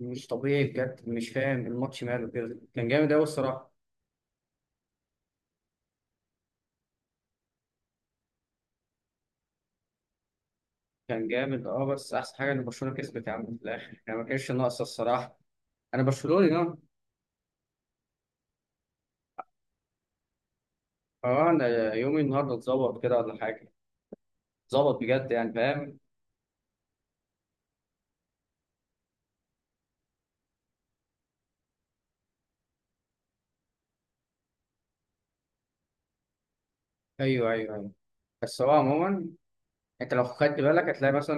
مش طبيعي بجد، مش فاهم الماتش ماله كده. كان جامد أوي الصراحة. كان جامد بس أحسن حاجة إن برشلونة كسبت يا عم في الآخر، يعني ما كانش ناقصة الصراحة. أنا برشلوني أه. أه، أنا يومي النهاردة اتظبط كده ولا حاجة. اتظبط بجد، يعني فاهم. أيوه أيوه أيوه، بس هو عموما أنت لو خدت بالك هتلاقي مثلا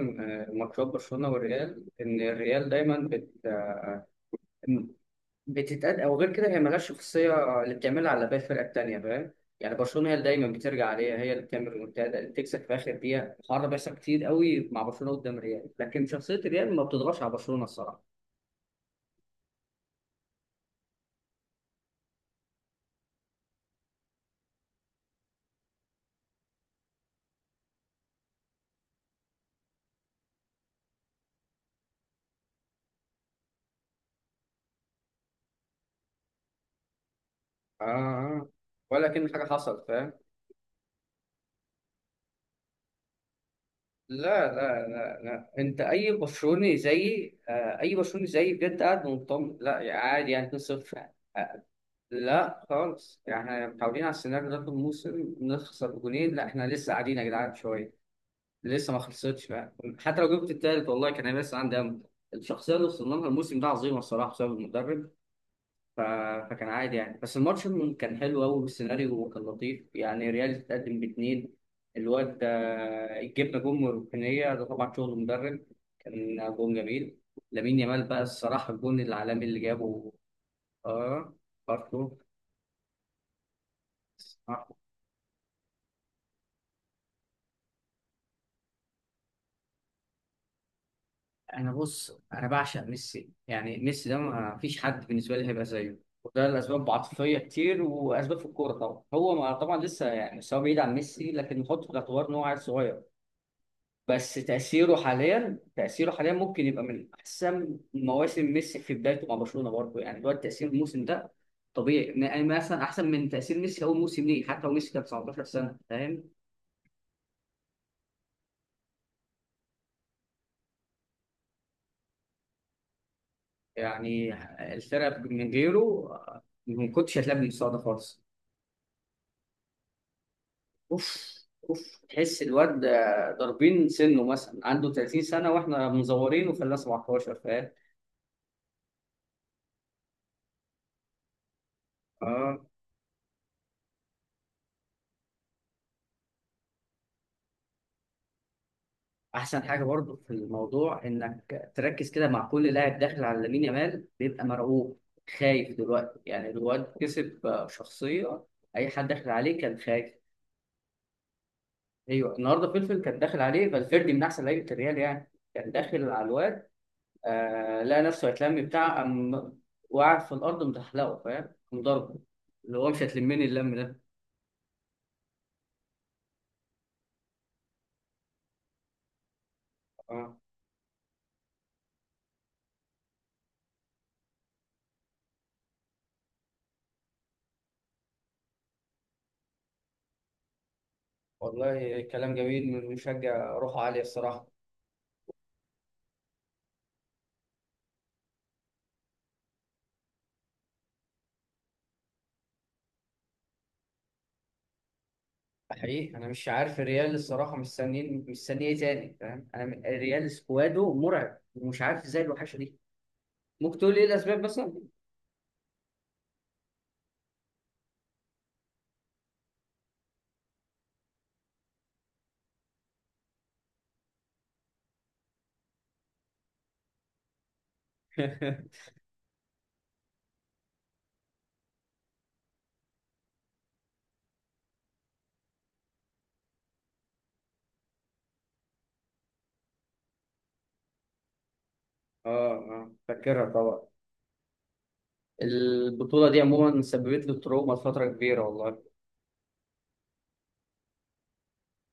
ماتشات برشلونة والريال، إن الريال دايما بت آه، بتتقد. او غير كده هي ملهاش شخصيه اللي بتعملها على باقي الفرقه التانيه فاهم. يعني برشلونه هي اللي دايما بترجع عليها، هي اللي بتعمل المنتدى، اللي بتكسب في اخر دقيقه. الحوار ده بيحصل كتير قوي مع برشلونه قدام الريال، لكن شخصيه الريال ما بتضغطش على برشلونه الصراحه. اه آه. ولا كأن حاجه حصلت فاهم. لا لا لا لا، انت اي برشلوني زيي، آه اي برشلوني زيي بجد قاعد مطمن، لا يعني عادي يعني 2-0. آه، لا خالص، يعني احنا متعودين على السيناريو ده في الموسم، نخسر جونين. لا احنا لسه قاعدين يا جدعان شويه، لسه ما خلصتش بقى. حتى لو جبت التالت والله كان هيبقى لسه عندي امل. الشخصيه اللي وصلنا لها الموسم ده عظيمه الصراحه بسبب المدرب. ف... فكان عادي يعني، بس الماتش كان حلو قوي والسيناريو، وكان لطيف يعني ريال تتقدم باثنين. الواد ده جبنا جون من الركنيه، ده طبعا شغل مدرب، كان جون جميل. لامين يامال بقى الصراحه، الجون العالمي اللي جابه. اه، برضه. انا بص، انا بعشق ميسي، يعني ميسي ده ما فيش حد بالنسبه لي هيبقى زيه، وده لاسباب عاطفيه كتير واسباب في الكوره طبعا. هو ما، طبعا لسه يعني، بس هو بعيد عن ميسي، لكن نحطه في الاعتبار ان هو عيل صغير. بس تاثيره حاليا تاثيره حاليا ممكن يبقى من احسن مواسم ميسي في بدايته مع برشلونه برضه. يعني دلوقتي تاثير الموسم ده طبيعي، يعني مثلا احسن من تاثير ميسي اول موسم ليه، حتى لو ميسي كان 19 سنه فاهم. يعني الفرق من غيره ما كنتش هتلاقي بالمستوى ده خالص. اوف، اوف، تحس الواد ده ضاربين سنه مثلا عنده 30 سنه، واحنا مزورين وخلاه 17 فاهم. اه، احسن حاجه برضو في الموضوع انك تركز كده، مع كل لاعب داخل على لامين يامال بيبقى مرعوب، خايف دلوقتي. يعني الواد كسب شخصيه، اي حد داخل عليه كان خايف. ايوه، النهارده فلفل كان داخل عليه، فالفيردي من احسن لعيبه الريال يعني، كان داخل على الواد. آه لقى نفسه هيتلم بتاع، قام وقعد في الأرض متحلقه فاهم، قام ضربه اللي هو مش هتلمني اللم ده. آه. والله كلام جميل من مشجع روحه عالية الصراحة. حقيقي أنا مش عارف الريال الصراحة، مستنيين مستني إيه تاني فاهم. أنا الريال سكواده مرعب ومش عارف إزاي الوحشة دي. ممكن تقول إيه الأسباب مثلا؟ آه آه، فاكرها طبعا. البطولة دي عموما سببت لي تروما فترة كبيرة والله.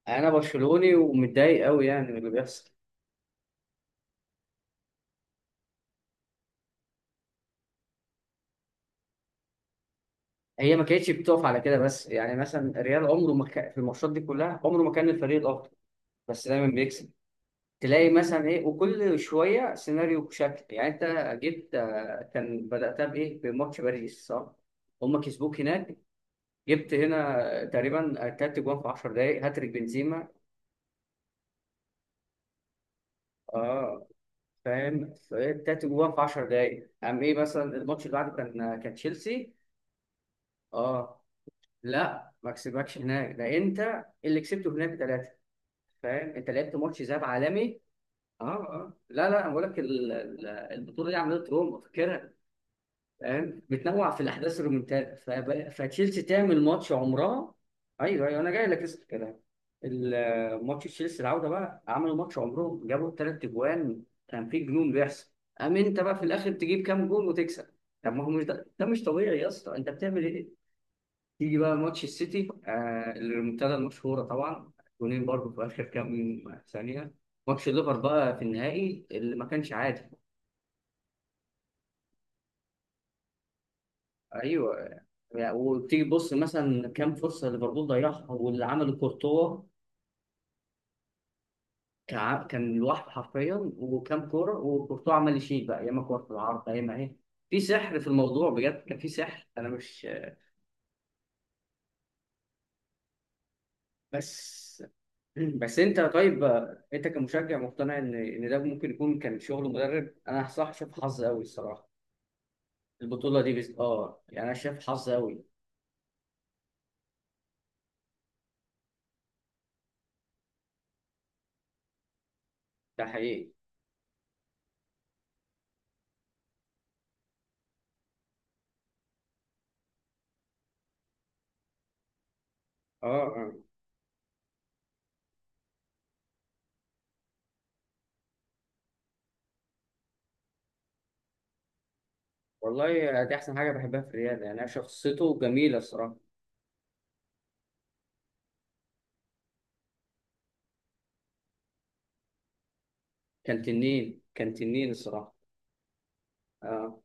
أنا برشلوني ومتضايق أوي يعني من اللي بيحصل. هي ما كانتش بتقف على كده بس، يعني مثلا الريال عمره ما في الماتشات دي كلها عمره ما كان الفريق الاكتر، بس دايما بيكسب. تلاقي مثلا ايه، وكل شويه سيناريو بشكل يعني. انت جبت كان بداتها بايه، بماتش باريس صح. هم كسبوك هناك. جبت هنا تقريبا تلات جوان في 10 دقايق، هاتريك بنزيما. اه فاهم. تلات جوان في 10 دقايق، قام ايه مثلا الماتش اللي بعده، كان تشيلسي. اه، لا ما كسبكش هناك، ده انت اللي كسبته هناك. فاهم انت لعبت ماتش ذهاب عالمي. اه اه، لا لا، انا بقول لك البطوله دي عملت روما فاكرها. فاهم بتنوع في الاحداث الرومنتادا. فتشيلسي تعمل ماتش عمرها. ايوه ايوه، انا جاي لك لسه في الكلام. ماتش تشيلسي العوده بقى عملوا ماتش عمرهم، جابوا ثلاث اجوان، كان في جنون بيحصل. قام انت بقى في الاخر تجيب كام جون وتكسب. طب ما هو مش ده مش طبيعي يا اسطى، انت بتعمل ايه. تيجي بقى ماتش السيتي، آه الريمونتادا المشهورة طبعا، جونين برضه في آخر كام ثانية. ماتش الليفر بقى في النهائي اللي ما كانش عادي. أيوه. يعني وتيجي تبص مثلا كام فرصة ليفربول ضيعها واللي عمله كورتوا. كان لوحده حرفيا، وكام كورة وكورتوا عمل يشيل بقى، ياما كورة في العارضة ياما ايه. في سحر في الموضوع بجد، كان في سحر أنا مش بس. مم. بس انت طيب، انت كمشجع مقتنع ان ده ممكن يكون كان شغل مدرب، انا صح شايف حظ قوي الصراحه. البطوله دي بس اه، يعني انا شايف حظ قوي. ده حقيقي. اه اه، والله دي احسن حاجه بحبها في الرياضه، يعني انا شخصيته جميله الصراحه. كان تنين كان تنين الصراحه. اه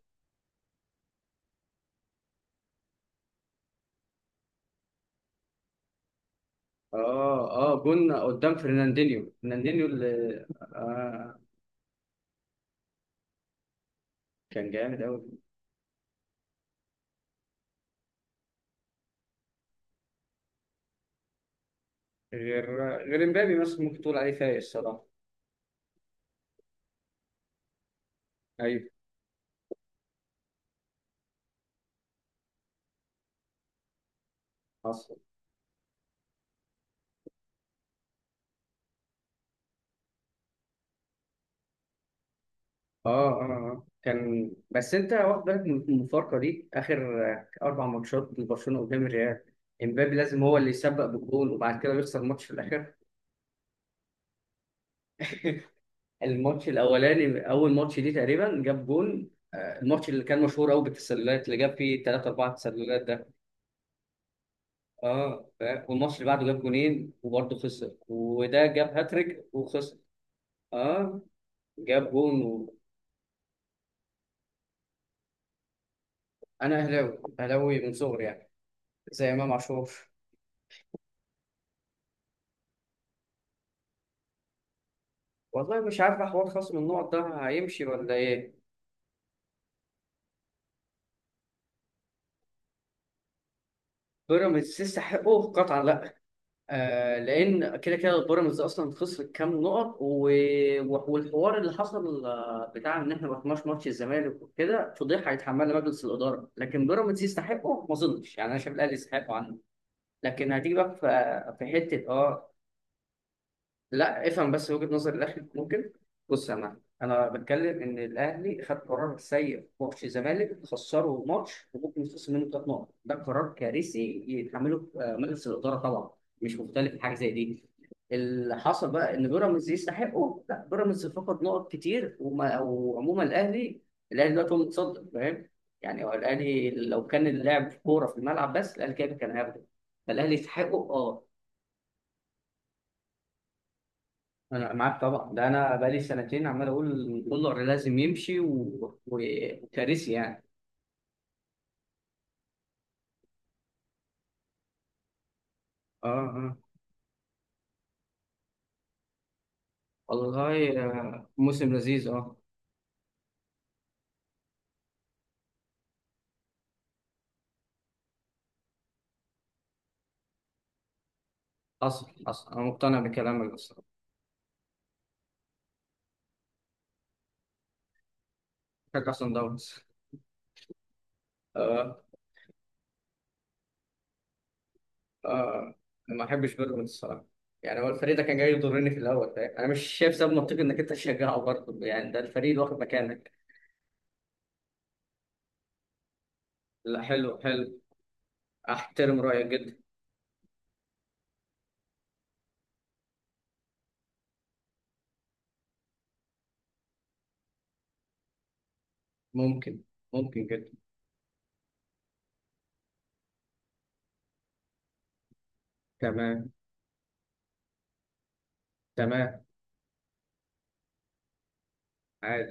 اه اه، جون قدام فرناندينيو، فرناندينيو اللي آه كان جامد قوي. غير، غير امبابي مثلا ممكن تقول عليه فايق الصراحه. ايوه، حصل. اه اه. آه. كان بس انت واخد بالك من المفارقه دي، اخر اربع ماتشات لبرشلونه قدام الريال، امبابي لازم هو اللي يسبق بالجول وبعد كده بيخسر ماتش في الاخر. الماتش الاولاني، اول ماتش دي تقريبا جاب جول، الماتش اللي كان مشهور قوي بالتسللات اللي جاب فيه 3 4 تسللات ده. اه فاهم؟ والماتش اللي بعده جاب جولين وبرضه خسر، وده جاب هاتريك وخسر. اه، جاب جون. انا اهلاوي اهلاوي من صغري يعني، زي امام عاشور. والله مش عارف حوار خصم النقط ده هيمشي ولا ايه. بيراميدز يستحقه؟ قطعا لا. آه، لان كده كده بيراميدز اصلا خسر كام نقط. والحوار اللي حصل بتاع ان احنا ما رحناش ماتش الزمالك وكده، فضيحه هيتحملها مجلس الاداره. لكن بيراميدز يستحقه ما اظنش، يعني انا شايف الاهلي يستحقه عنه. لكن هتيجي بقى في حته اه. لا افهم بس وجهة نظر الاهلي ممكن. بص يا معلم، انا بتكلم ان الاهلي خد قرار سيء في ماتش الزمالك، خسره ماتش وممكن يتخصم منه 3 نقط، ده قرار كارثي يتحمله مجلس الاداره طبعا. مش مختلف في حاجه زي دي. اللي حصل بقى ان بيراميدز يستحقه لا، بيراميدز فقد نقط كتير وما، وعموما الاهلي، الاهلي دلوقتي هو المتصدر فاهم. يعني هو الاهلي لو كان اللعب كوره في الملعب بس الاهلي كده كان هياخده. فالاهلي يستحقه اه. انا معاك طبعا، ده انا بقالي سنتين عمال اقول إن الدولار لازم يمشي، وكارثي يعني. اه اه، والله موسم لذيذ اه. حصل حصل، انا مقتنع بكلامك بس. بشجع صن داونز. اه اه، ما بحبش بيراميدز الصراحه. يعني هو الفريق ده كان جاي يضرني في الاول فاهم، انا مش شايف سبب منطقي انك انت تشجعه برضه، يعني ده الفريق اللي واخد مكانك. لا، حلو حلو. احترم رايك جدا. ممكن، ممكن جدا. تمام تمام. عادي.